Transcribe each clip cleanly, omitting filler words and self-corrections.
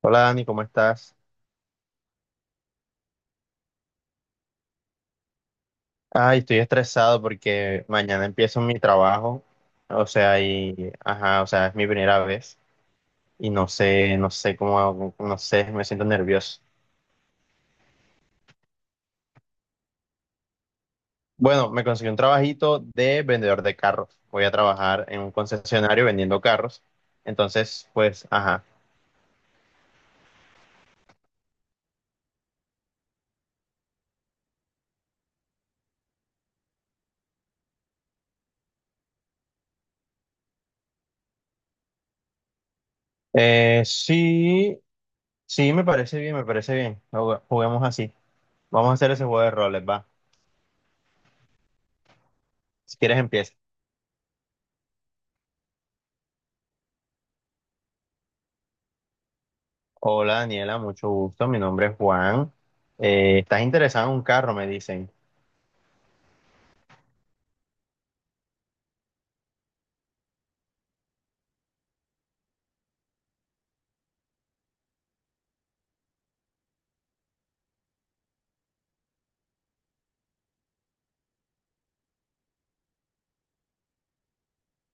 Hola Dani, ¿cómo estás? Ay, estoy estresado porque mañana empiezo mi trabajo, es mi primera vez y no sé cómo, hago, no sé, me siento nervioso. Bueno, me conseguí un trabajito de vendedor de carros. Voy a trabajar en un concesionario vendiendo carros. Entonces, pues, ajá. Eh, sí, sí, me parece bien, me parece bien. Juguemos así. Vamos a hacer ese juego de roles, va. Si quieres, empieza. Hola Daniela, mucho gusto. Mi nombre es Juan. ¿estás interesado en un carro? Me dicen.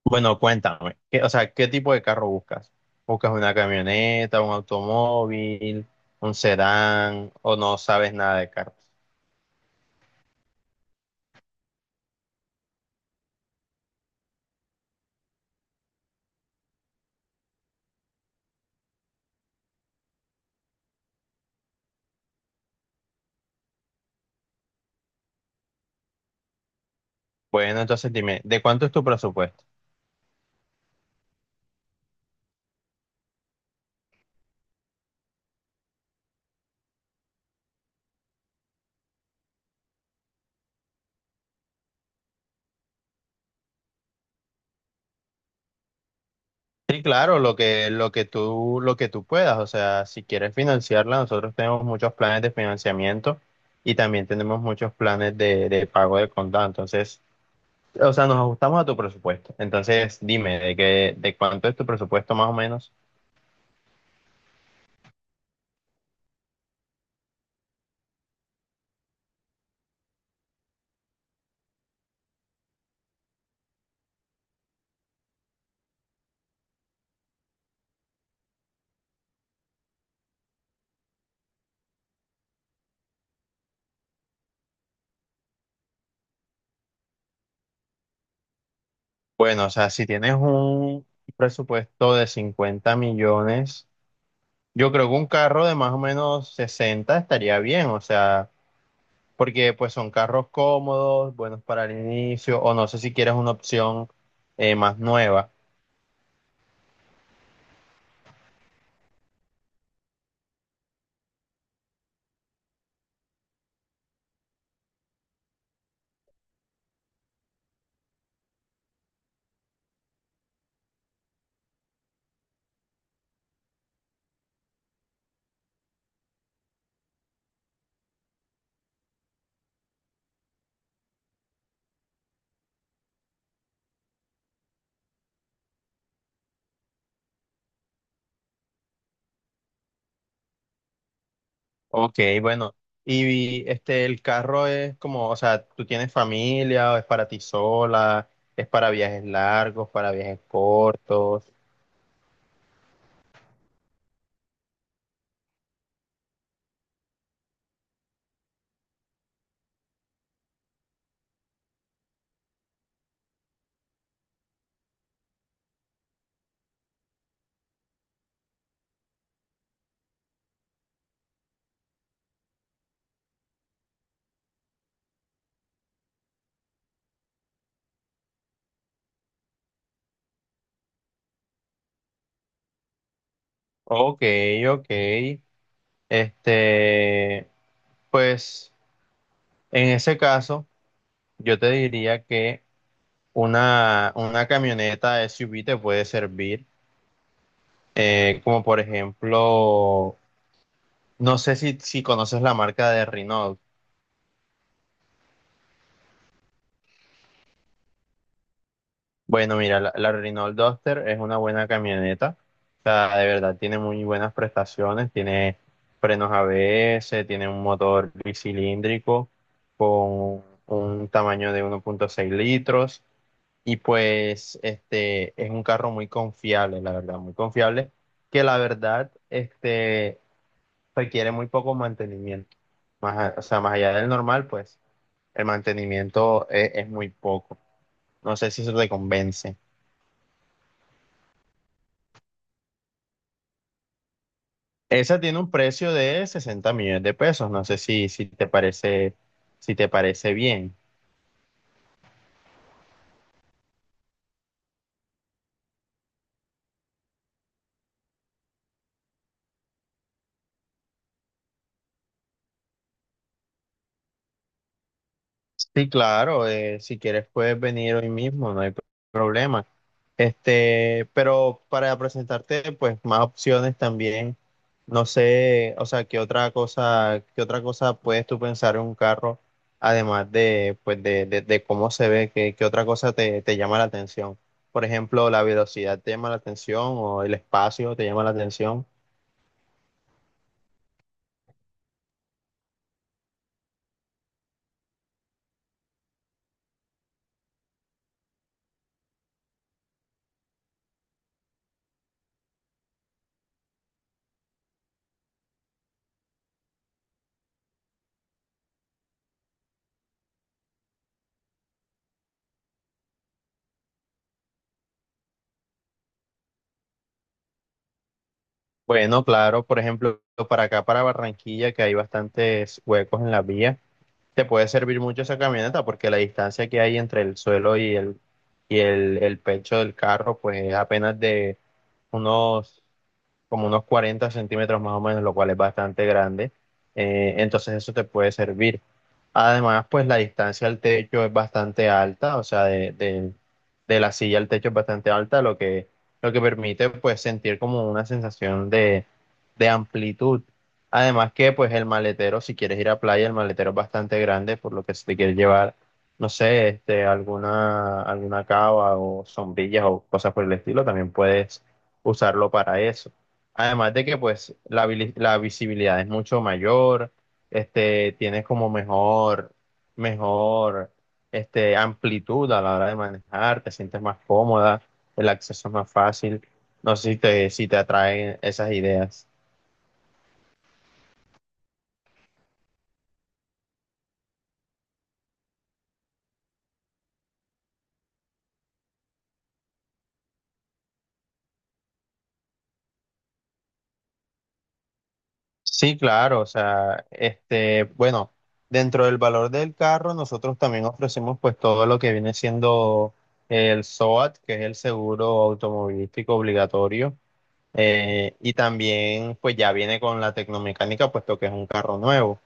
Bueno, cuéntame. ¿Qué tipo de carro buscas? ¿Buscas una camioneta, un automóvil, un sedán o no sabes nada de carros? Bueno, entonces dime, ¿de cuánto es tu presupuesto? Sí, claro, lo que tú puedas. O sea, si quieres financiarla, nosotros tenemos muchos planes de financiamiento y también tenemos muchos planes de pago de contado. Entonces, o sea, nos ajustamos a tu presupuesto. Entonces, dime, ¿de cuánto es tu presupuesto más o menos? Bueno, o sea, si tienes un presupuesto de 50 millones, yo creo que un carro de más o menos 60 estaría bien. O sea, porque pues son carros cómodos, buenos para el inicio, o no sé si quieres una opción más nueva. Ok, bueno. Y este, el carro es como, o sea, ¿tú tienes familia o es para ti sola? ¿Es para viajes largos, para viajes cortos? Ok, ok. Este, pues en ese caso, yo te diría que una camioneta SUV te puede servir. Como por ejemplo, no sé si, si conoces la marca de Renault. Bueno, mira, la Renault Duster es una buena camioneta. O sea, de verdad, tiene muy buenas prestaciones. Tiene frenos ABS, tiene un motor bicilíndrico con un tamaño de 1.6 litros. Y pues, este, es un carro muy confiable, la verdad, muy confiable, que la verdad, este, requiere muy poco mantenimiento. O sea, más allá del normal, pues, el mantenimiento es muy poco. No sé si eso te convence. Esa tiene un precio de 60 millones de pesos. No sé si si te parece bien. Sí, claro, si quieres puedes venir hoy mismo, no hay problema. Este, pero para presentarte, pues, más opciones también. No sé, o sea, qué otra cosa puedes tú pensar en un carro, además de, pues, de cómo se ve, qué otra cosa te llama la atención. Por ejemplo, la velocidad te llama la atención o el espacio te llama la atención. Bueno, claro, por ejemplo, para acá, para Barranquilla, que hay bastantes huecos en la vía, te puede servir mucho esa camioneta porque la distancia que hay entre el suelo y el pecho del carro, pues es apenas de unos unos 40 centímetros más o menos, lo cual es bastante grande. Entonces eso te puede servir. Además, pues la distancia al techo es bastante alta. O sea, de la silla al techo es bastante alta, lo que permite pues sentir como una sensación de amplitud. Además que pues el maletero, si quieres ir a playa, el maletero es bastante grande, por lo que si te quieres llevar, no sé, este, alguna cava o sombrillas o cosas por el estilo, también puedes usarlo para eso. Además de que pues la visibilidad es mucho mayor, este, tienes como mejor amplitud a la hora de manejar, te sientes más cómoda, el acceso es más fácil. No sé si te atraen esas ideas. Sí, claro, o sea, este, bueno, dentro del valor del carro, nosotros también ofrecemos pues todo lo que viene siendo el SOAT, que es el seguro automovilístico obligatorio. Y también pues ya viene con la tecnomecánica, puesto que es un carro nuevo.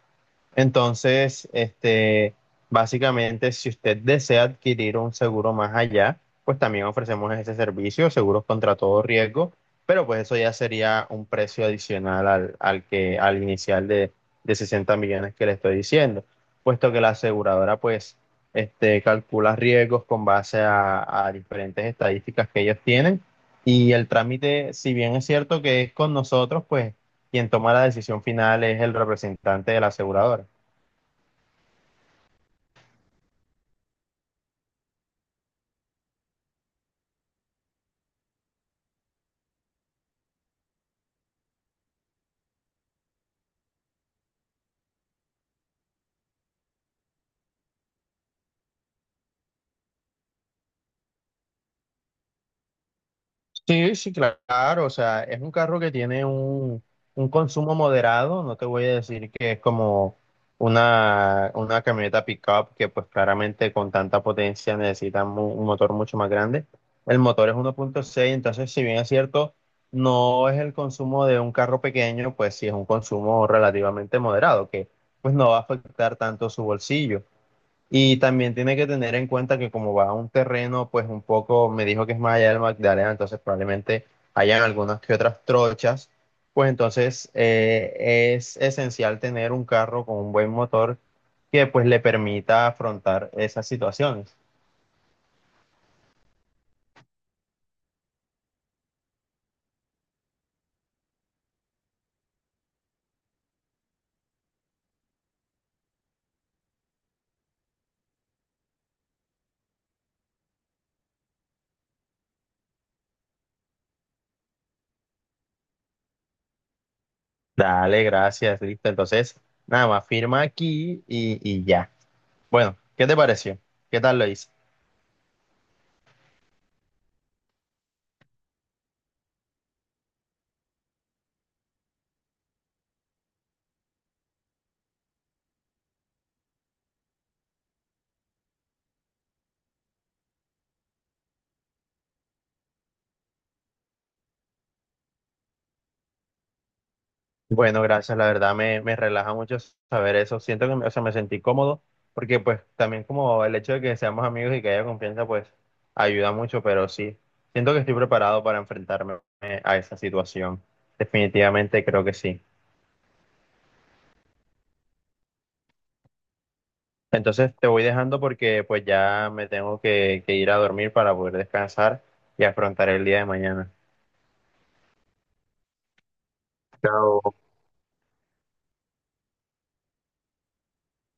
Entonces, este, básicamente, si usted desea adquirir un seguro más allá, pues también ofrecemos ese servicio, seguros contra todo riesgo, pero pues eso ya sería un precio adicional al inicial de 60 millones que le estoy diciendo, puesto que la aseguradora pues este, calcula riesgos con base a diferentes estadísticas que ellos tienen y el trámite, si bien es cierto que es con nosotros, pues quien toma la decisión final es el representante de la aseguradora. Sí, sí, claro, o sea, es un carro que tiene un consumo moderado. No te voy a decir que es como una camioneta pickup que pues claramente con tanta potencia necesita un motor mucho más grande. El motor es 1.6, entonces si bien es cierto, no es el consumo de un carro pequeño, pues sí es un consumo relativamente moderado, que pues no va a afectar tanto su bolsillo. Y también tiene que tener en cuenta que como va a un terreno, pues un poco, me dijo que es más allá del Magdalena, entonces probablemente hayan algunas que otras trochas, pues entonces es esencial tener un carro con un buen motor que pues le permita afrontar esas situaciones. Dale, gracias, listo. Entonces, nada más firma aquí y ya. Bueno, ¿qué te pareció? ¿Qué tal lo hice? Bueno, gracias, la verdad me relaja mucho saber eso. Siento que me, o sea, me sentí cómodo porque pues también como el hecho de que seamos amigos y que haya confianza pues ayuda mucho, pero sí, siento que estoy preparado para enfrentarme a esa situación. Definitivamente creo que sí. Entonces te voy dejando porque pues ya me tengo que ir a dormir para poder descansar y afrontar el día de mañana. Chao.